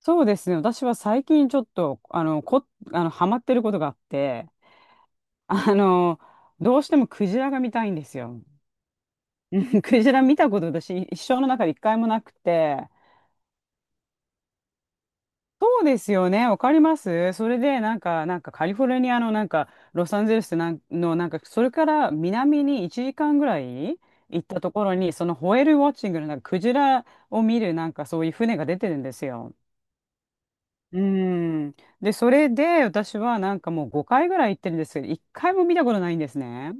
そうですね。私は最近ちょっと、あの、こ、あの、ハマってることがあって、あの、どうしてもクジラが見たいんですよ。クジラ見たこと私、一生の中で一回もなくて、そうですよね。わかります。それで、なんかカリフォルニアの、ロサンゼルスなんの、それから南に1時間ぐらい行ったところに、そのホエールウォッチングの、クジラを見る、そういう船が出てるんですよ。うん。で、それで私はなんかもう5回ぐらい行ってるんですけど、1回も見たことないんですね。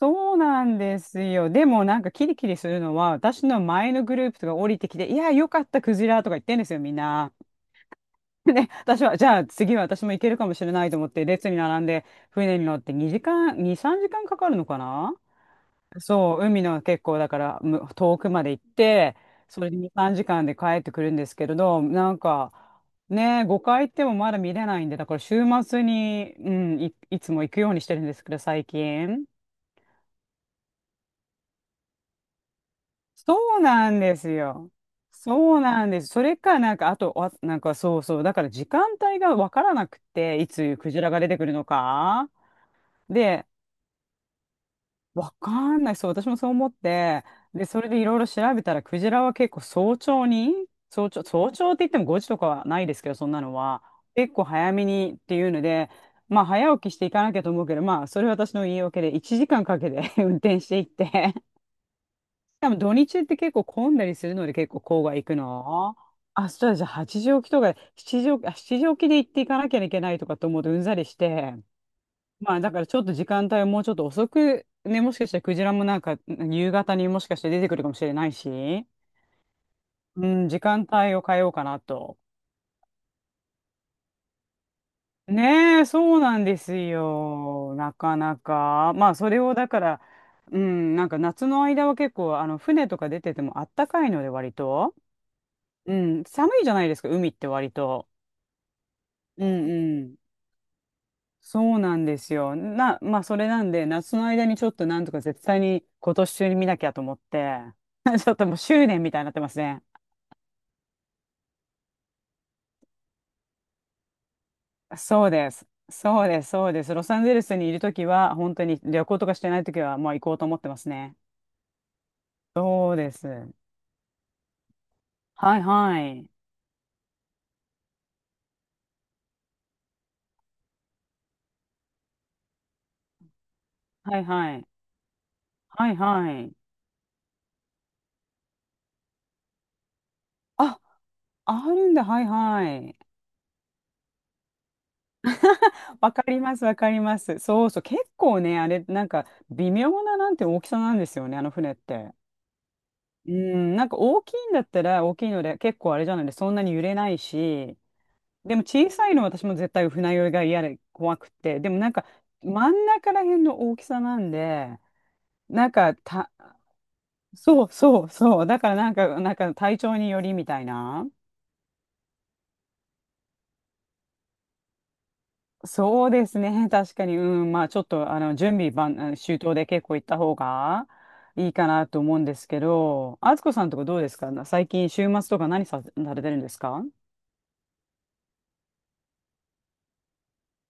そうなんですよ。でもなんかキリキリするのは、私の前のグループとか降りてきて、いや、よかった、クジラとか言ってんですよ、みんな。で、私は、じゃあ次は私も行けるかもしれないと思って、列に並んで、船に乗って2時間、2、3時間かんかかるのかな。そう、海の結構だからむ遠くまで行って、それで2、3時間で帰ってくるんですけれど、なんかね、5回行ってもまだ見れないんで、だから週末に、うん、いつも行くようにしてるんですけど、最近。そうなんですよ。そうなんです。それか、なんか、あと、あなんかそうそう、だから時間帯がわからなくて、いつクジラが出てくるのか。で、わかんない。そう、私もそう思って、で、それでいろいろ調べたら、クジラは結構早朝に、早朝、早朝って言っても5時とかはないですけど、そんなのは、結構早めにっていうので、まあ、早起きしていかなきゃと思うけど、まあ、それは私の言い訳で、1時間かんかけて 運転していって、多分土日って結構混んだりするので、結構郊外行くの。あ、そうだ、じゃあ8時起きとか、7時起きで行っていかなきゃいけないとかと思うとうんざりして、まあだからちょっと時間帯はもうちょっと遅く、ね、もしかしたらクジラもなんか夕方にもしかして出てくるかもしれないし、うん、時間帯を変えようかなと。ねえ、そうなんですよ。なかなか。まあそれをだから、うん、なんか夏の間は結構あの船とか出ててもあったかいので割と。うん、寒いじゃないですか、海って割と。うんうん。そうなんですよ。な、まあ、それなんで、夏の間にちょっとなんとか絶対に今年中に見なきゃと思って、ちょっともう執念みたいになってますね。そうです。そうです。そうです。ロサンゼルスにいるときは、本当に旅行とかしてないときは、まあ行こうと思ってますね。そうです。はいはい。はいはい。はいはい。あ、あるんだ。はいはい。わかります。わかります。そうそう。結構ね、あれ、なんか微妙ななんて大きさなんですよね、あの船って。うん、なんか大きいんだったら大きいので結構あれじゃないでそんなに揺れないし、でも小さいのは私も絶対船酔いが嫌で怖くて、でもなんか真ん中ら辺の大きさなんで、なんかた、そうそうそう、だからなんか、なんか体調によりみたいな。そうですね、確かに、うん、まあちょっとあの準備万、あの周到で結構行った方がいいかなと思うんですけど、あつこさんとかどうですか？最近週末とか何さ、されてるんですか？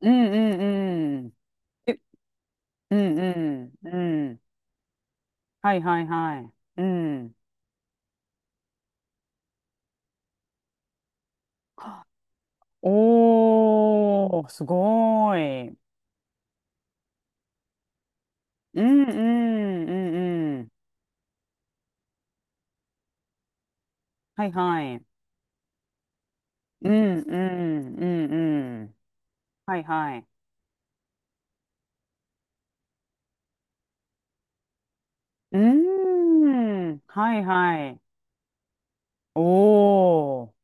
うんうんうん。うんうんうん。はいはいはい。うん。おー、すごい。うんうんうんうん。はいはい。うんうんうんうん。はいはい。うーん。はいはい。おー。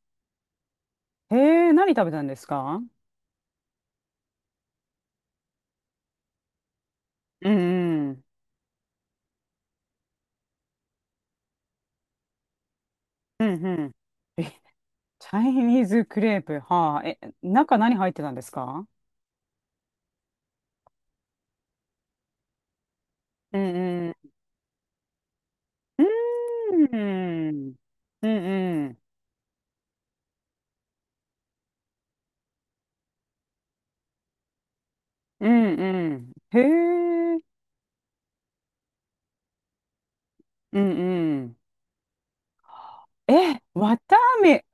へえ、何食べたんですか？うんうん。うんうん。え、チャイニーズクレープ。はあ。え、中何入ってたんですか？うんうん。うん。うんうん。うんうん。へえ。うんうん。え、わたあめ。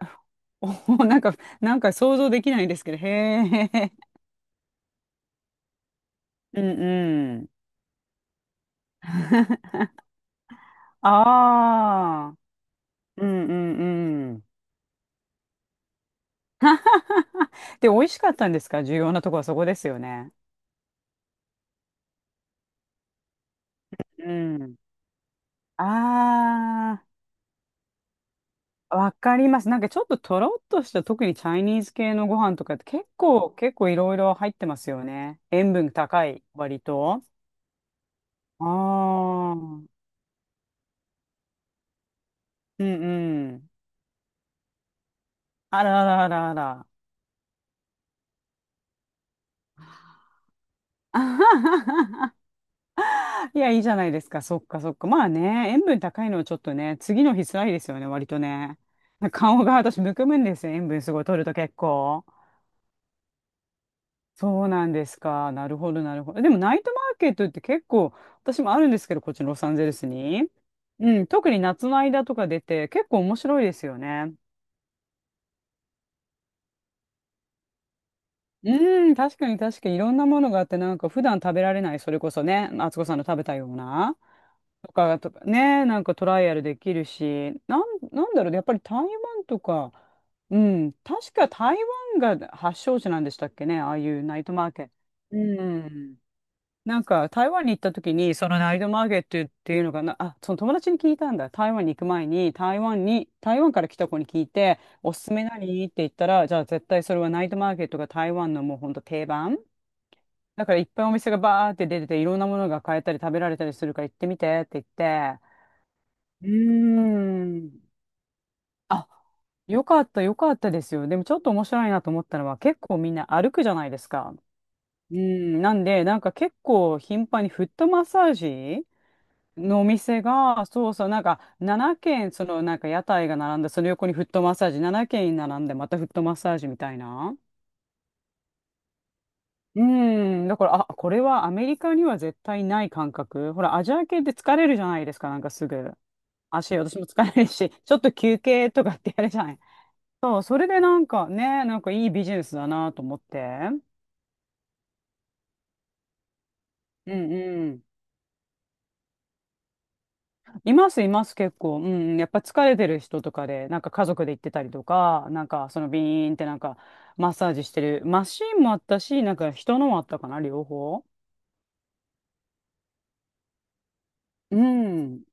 お、なんか、なんか想像できないんですけど。へえ。うんうん。ああ。うんうんうん。で、美味しかったんですか？重要なとこはそこですよね。うん。ああ、わかります。なんかちょっととろっとした、特にチャイニーズ系のご飯とかって結構いろいろ入ってますよね。塩分高い、割と。ああ、うんうん。あらあらあらあら。あはははいや、いいじゃないですか。そっかそっか。まあね、塩分高いのはちょっとね、次の日辛いですよね、割とね。顔が私むくむんですよ。塩分すごい取ると結構。そうなんですか。なるほど、なるほど。でもナイトマーケットって結構、私もあるんですけど、こっちのロサンゼルスに。うん、特に夏の間とか出て、結構面白いですよね。うん、確かにいろんなものがあって、なんか普段食べられない、それこそね、敦子さんの食べたような、とか、とかね、なんかトライアルできるし、なん、なんだろうね、やっぱり台湾とか、うん、確か台湾が発祥地なんでしたっけね、ああいうナイトマーケット。うん。なんか台湾に行った時にそのナイトマーケットっていうのかな、あその友達に聞いたんだ、台湾に行く前に、台湾に、台湾から来た子に聞いて、おすすめ何って言ったら、じゃあ絶対それはナイトマーケットが台湾のもうほんと定番だから、いっぱいお店がバーって出てていろんなものが買えたり食べられたりするから行ってみてって言って、うーん、あ、よかったよかったですよ。でもちょっと面白いなと思ったのは、結構みんな歩くじゃないですか。うん、なんでなんか結構頻繁にフットマッサージのお店が、そうそう、なんか7軒、そのなんか屋台が並んで、その横にフットマッサージ、7軒並んで、またフットマッサージみたいな。うん、だから、あ、これはアメリカには絶対ない感覚。ほら、アジア系って疲れるじゃないですか、なんかすぐ。足、私も疲れるし、ちょっと休憩とかってやるじゃない。そう、それでなんかね、なんかいいビジネスだなと思って。うんうん。います、います、結構。うん、やっぱ疲れてる人とかで、なんか家族で行ってたりとか、なんかそのビーンってなんかマッサージしてるマシーンもあったし、なんか人のもあったかな、両方。うん、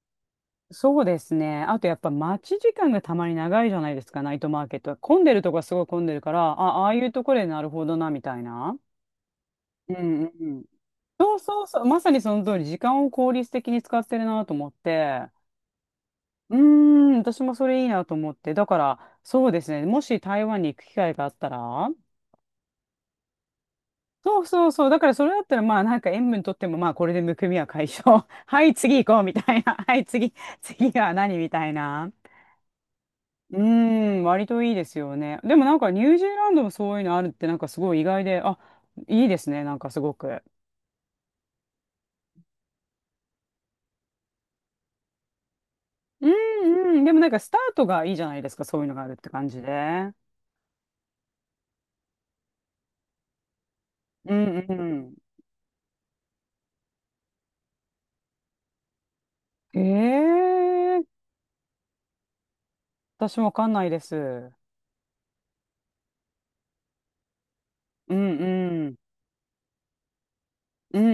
そうですね。あとやっぱ待ち時間がたまに長いじゃないですか、ナイトマーケットは。混んでるとこはすごい混んでるから、あ、ああいうところでなるほどな、みたいな。うんうんうん。そうそうそう、まさにその通り、時間を効率的に使ってるなと思って。うーん、私もそれいいなと思って。だから、そうですね。もし台湾に行く機会があったら、そうそうそう。だからそれだったら、まあなんか塩分とっても、まあこれでむくみは解消。はい、次行こうみたいな。はい、次、次は何みたいな。うーん、割といいですよね。でもなんかニュージーランドもそういうのあるってなんかすごい意外で、あ、いいですね。なんかすごく。うんうん。でもなんかスタートがいいじゃないですか。そういうのがあるって感じで。うんうん。ええー、私わかんないです。うんうん。うん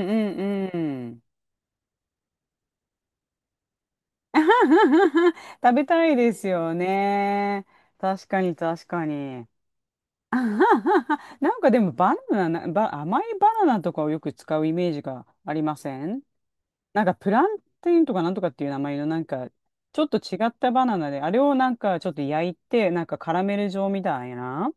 うんうん。食べたいですよね。確かに確かに。あはははなんかでもバナナ、ば甘いバナナとかをよく使うイメージがありませんなんかプランティンとかなんとかっていう名前のなんかちょっと違ったバナナで、あれをなんかちょっと焼いて、なんかカラメル状みたいな。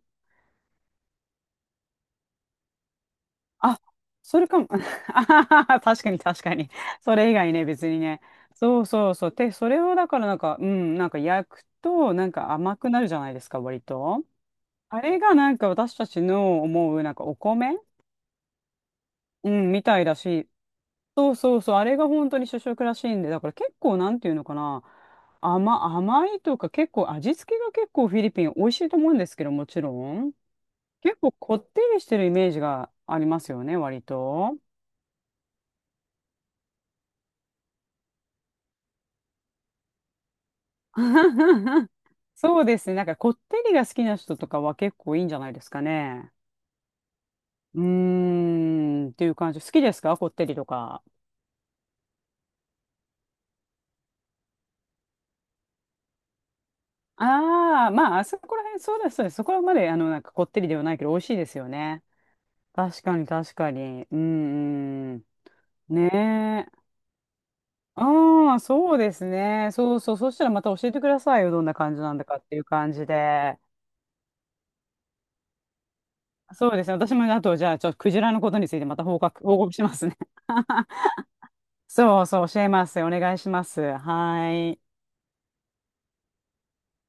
あ、それかも。あはは確かに確かに。それ以外ね、別にね。そうそうそう。で、それをだからなんか、うん、なんか焼くと、なんか甘くなるじゃないですか、割と。あれがなんか私たちの思う、なんかお米、うん、みたいだし、そうそうそう、あれが本当に主食らしいんで、だから結構なんていうのかな、甘、甘いとか結構味付けが結構フィリピン美味しいと思うんですけど、もちろん。結構こってりしてるイメージがありますよね、割と。そうですね。なんかこってりが好きな人とかは結構いいんじゃないですかね。うーん、っていう感じ。好きですか、こってりとか。ああ、まあ、あそこら辺、そうです、そうです。そこまで、あの、なんかこってりではないけど、美味しいですよね。確かに、確かに。うん、うん。ねえ。ああ、そうですね。そうそう。そしたらまた教えてくださいよ。どんな感じなんだかっていう感じで。そうですね。私も、あと、じゃあ、ちょっとクジラのことについてまた報告しますね。そうそう、教えます。お願いします。はい。